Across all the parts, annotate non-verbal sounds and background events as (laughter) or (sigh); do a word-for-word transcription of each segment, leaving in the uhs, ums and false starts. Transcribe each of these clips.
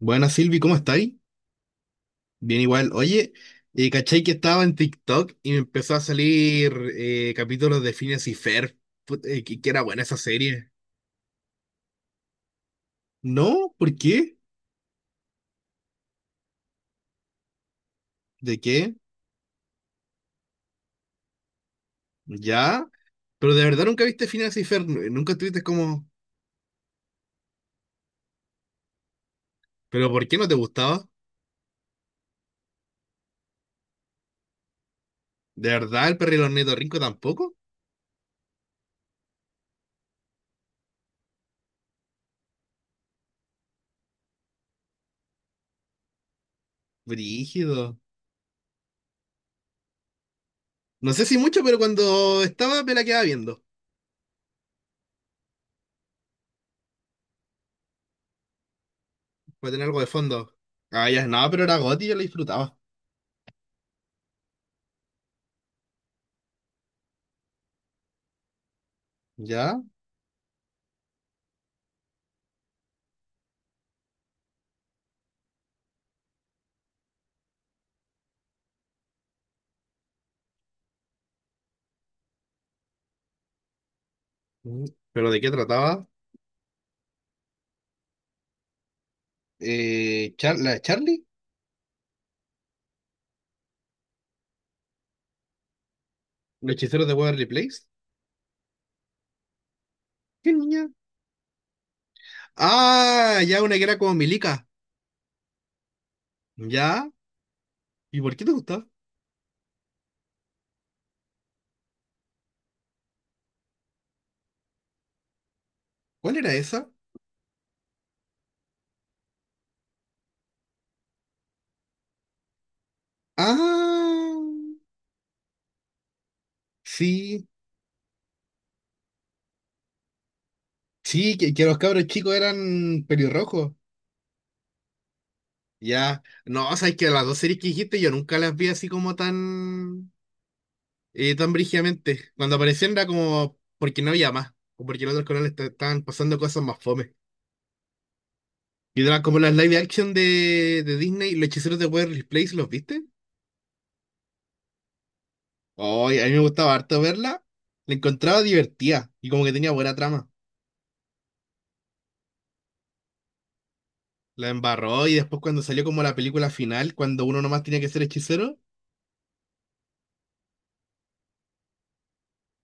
Buenas Silvi, ¿cómo estáis? Bien igual. Oye, eh, ¿cachai que estaba en TikTok y me empezó a salir eh, capítulos de Phineas y Ferb? Put- eh, que, que era buena esa serie. ¿No? ¿Por qué? ¿De qué? ¿Ya? Pero de verdad nunca viste Phineas y Ferb, nu- nunca estuviste como... ¿Pero por qué no te gustaba? ¿De verdad el perro y Rico tampoco? Brígido. No sé si mucho, pero cuando estaba me la quedaba viendo, para tener algo de fondo. Ah, ya, no, pero era Gotti, yo la disfrutaba. ¿Ya? Mm. ¿Pero de qué trataba? Eh, Char- ¿la de Charlie? ¿Los hechiceros de Waverly Place? ¿Qué niña? Ah, ya una que era como Milica. ¿Ya? ¿Y por qué te gustaba? ¿Cuál era esa? Ah, sí. Sí, que, que los cabros chicos eran pelirrojos. Ya. No, o sea, es que las dos series que dijiste yo nunca las vi así como tan... eh, tan brígidamente. Cuando aparecían era como... Porque no había más. O porque en otros canales te- estaban pasando cosas más fome. Y era como las live action de, de Disney, los hechiceros de Waverly Place, ¿los viste? Oye, a mí me gustaba harto verla. La encontraba divertida y como que tenía buena trama. La embarró y después cuando salió como la película final, cuando uno nomás tenía que ser hechicero,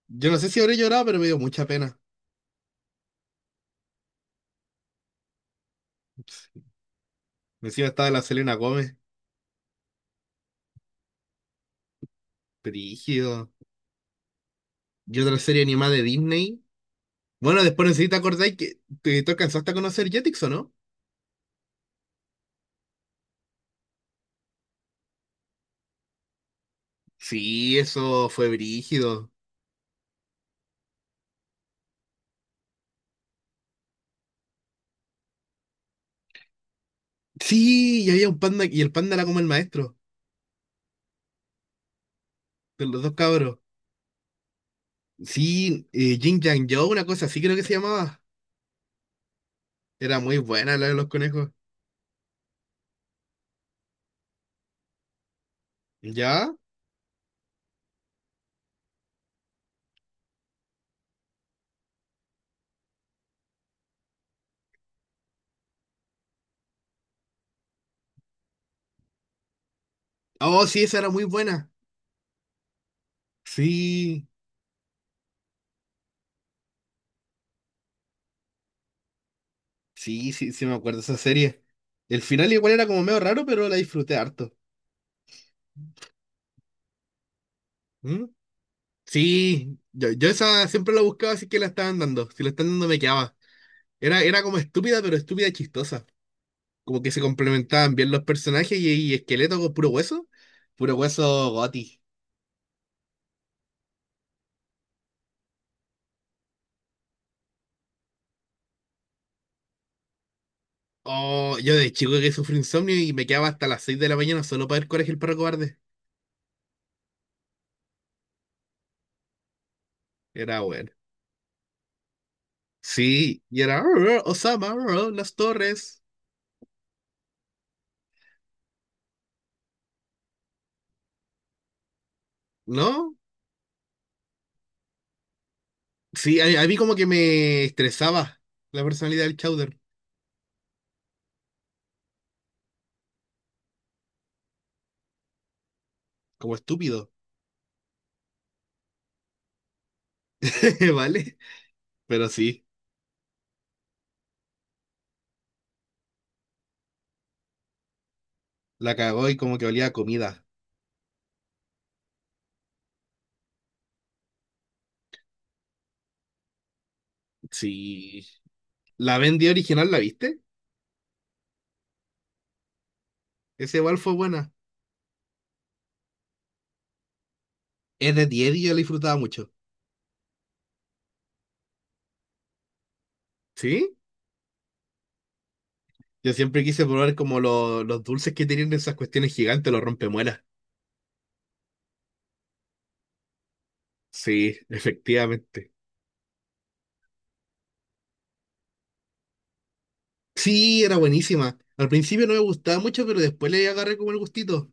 yo no sé si habré llorado, pero me dio mucha pena. Encima estaba la Selena Gómez, brígido. Y otra serie animada de Disney. Bueno, después necesito acordar que te, te alcanzaste a conocer Jetix, ¿o no? Sí, eso fue brígido. Sí, y había un panda y el panda era como el maestro de los dos cabros. Sí, eh, Jin Yang Yo, una cosa así creo que se llamaba. Era muy buena la de los conejos. ¿Ya? Oh, sí, esa era muy buena. Sí, sí, sí, sí me acuerdo de esa serie. El final igual era como medio raro, pero la disfruté harto. ¿Mm? Sí, yo, yo esa siempre la buscaba, así que la estaban dando. Si la están dando me quedaba. Era, era como estúpida, pero estúpida y chistosa. Como que se complementaban bien los personajes y, y esqueleto con puro hueso. Puro hueso goti. Oh, yo de chico que sufrí insomnio y me quedaba hasta las seis de la mañana solo para ver Coraje el perro cobarde. Era bueno. Sí, y era "Arr, Osama, arr, las torres, ¿no? Sí, a, a mí como que me estresaba la personalidad del Chowder, como estúpido, (laughs) ¿vale? Pero sí, la cagó y como que olía a comida. Sí, la vendí original, ¿la viste? Ese igual fue buena. Es de diez y yo la disfrutaba mucho. ¿Sí? Yo siempre quise probar como lo- los dulces que tienen esas cuestiones gigantes, los rompemuelas. Sí, efectivamente. Sí, era buenísima. Al principio no me gustaba mucho, pero después le agarré como el gustito.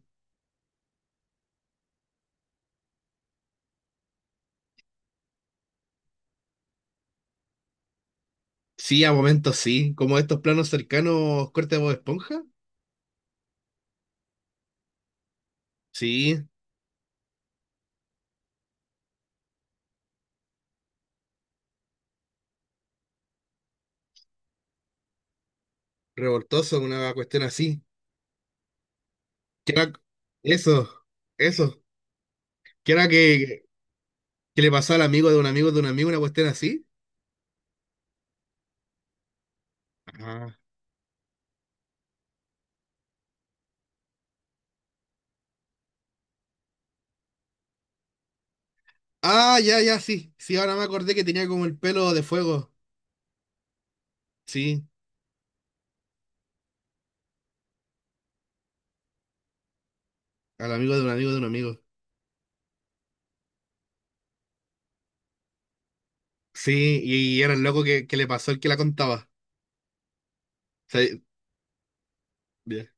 Sí, a momentos sí, como estos planos cercanos corte de Bob Esponja. Sí, revoltoso, una cuestión así. Que era- eso, eso. Que era que, que le pasó al amigo de un amigo de un amigo una cuestión así. Ajá. Ah, ya, ya, sí. Sí, ahora me acordé que tenía como el pelo de fuego. Sí, al amigo de un amigo de un amigo. Sí, y, era el loco que, que le pasó el que la contaba. Sí, bien.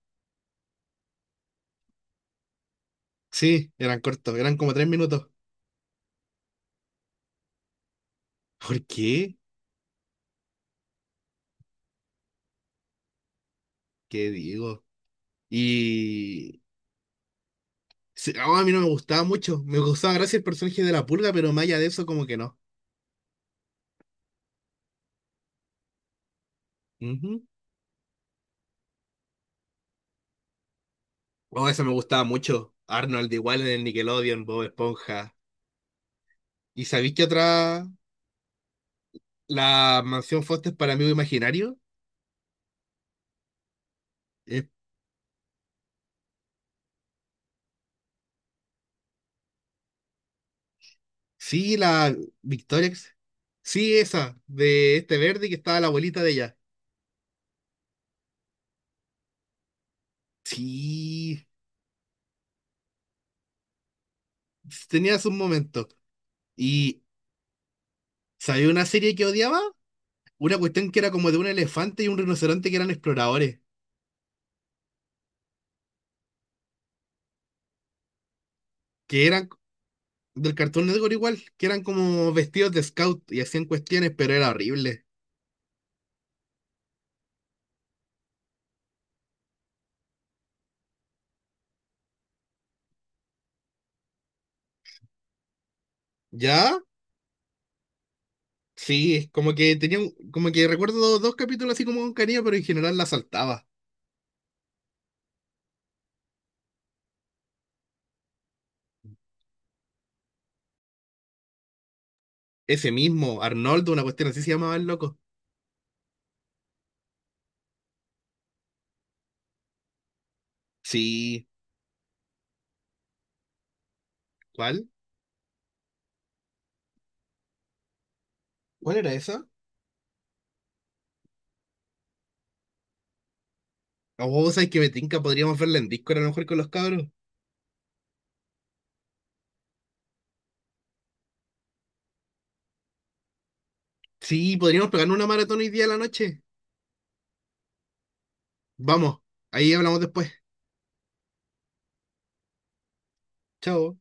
Sí, eran cortos, eran como tres minutos. ¿Por qué? ¿Qué digo? Y, sí, oh, a mí no me gustaba mucho. Me gustaba gracias el personaje de la pulga, pero más allá de eso, como que no. Ujú. Oh, eso me gustaba mucho. Arnold igual en el Nickelodeon, Bob Esponja. ¿Y sabéis qué otra? La mansión Foster para amigo imaginario. Eh, sí, la Victorix. Sí, esa, de este verde que estaba la abuelita de ella. Sí, tenía sus momentos. ¿Y sabía una serie que odiaba? Una cuestión que era como de un elefante y un rinoceronte que eran exploradores, que eran del Cartoon Network igual, que eran como vestidos de scout y hacían cuestiones, pero era horrible. ¿Ya? Sí, como que tenía, un- como que recuerdo dos capítulos así como con cariño, pero en general la saltaba. Ese mismo, Arnoldo, una cuestión así se llamaba el loco. Sí, ¿cuál? ¿Cuál era esa? Oh, ¿sabes que me tinca? Podríamos verla en Discord a lo mejor con los cabros. Sí, podríamos pegarnos una maratón hoy día a la noche. Vamos, ahí hablamos después. Chao.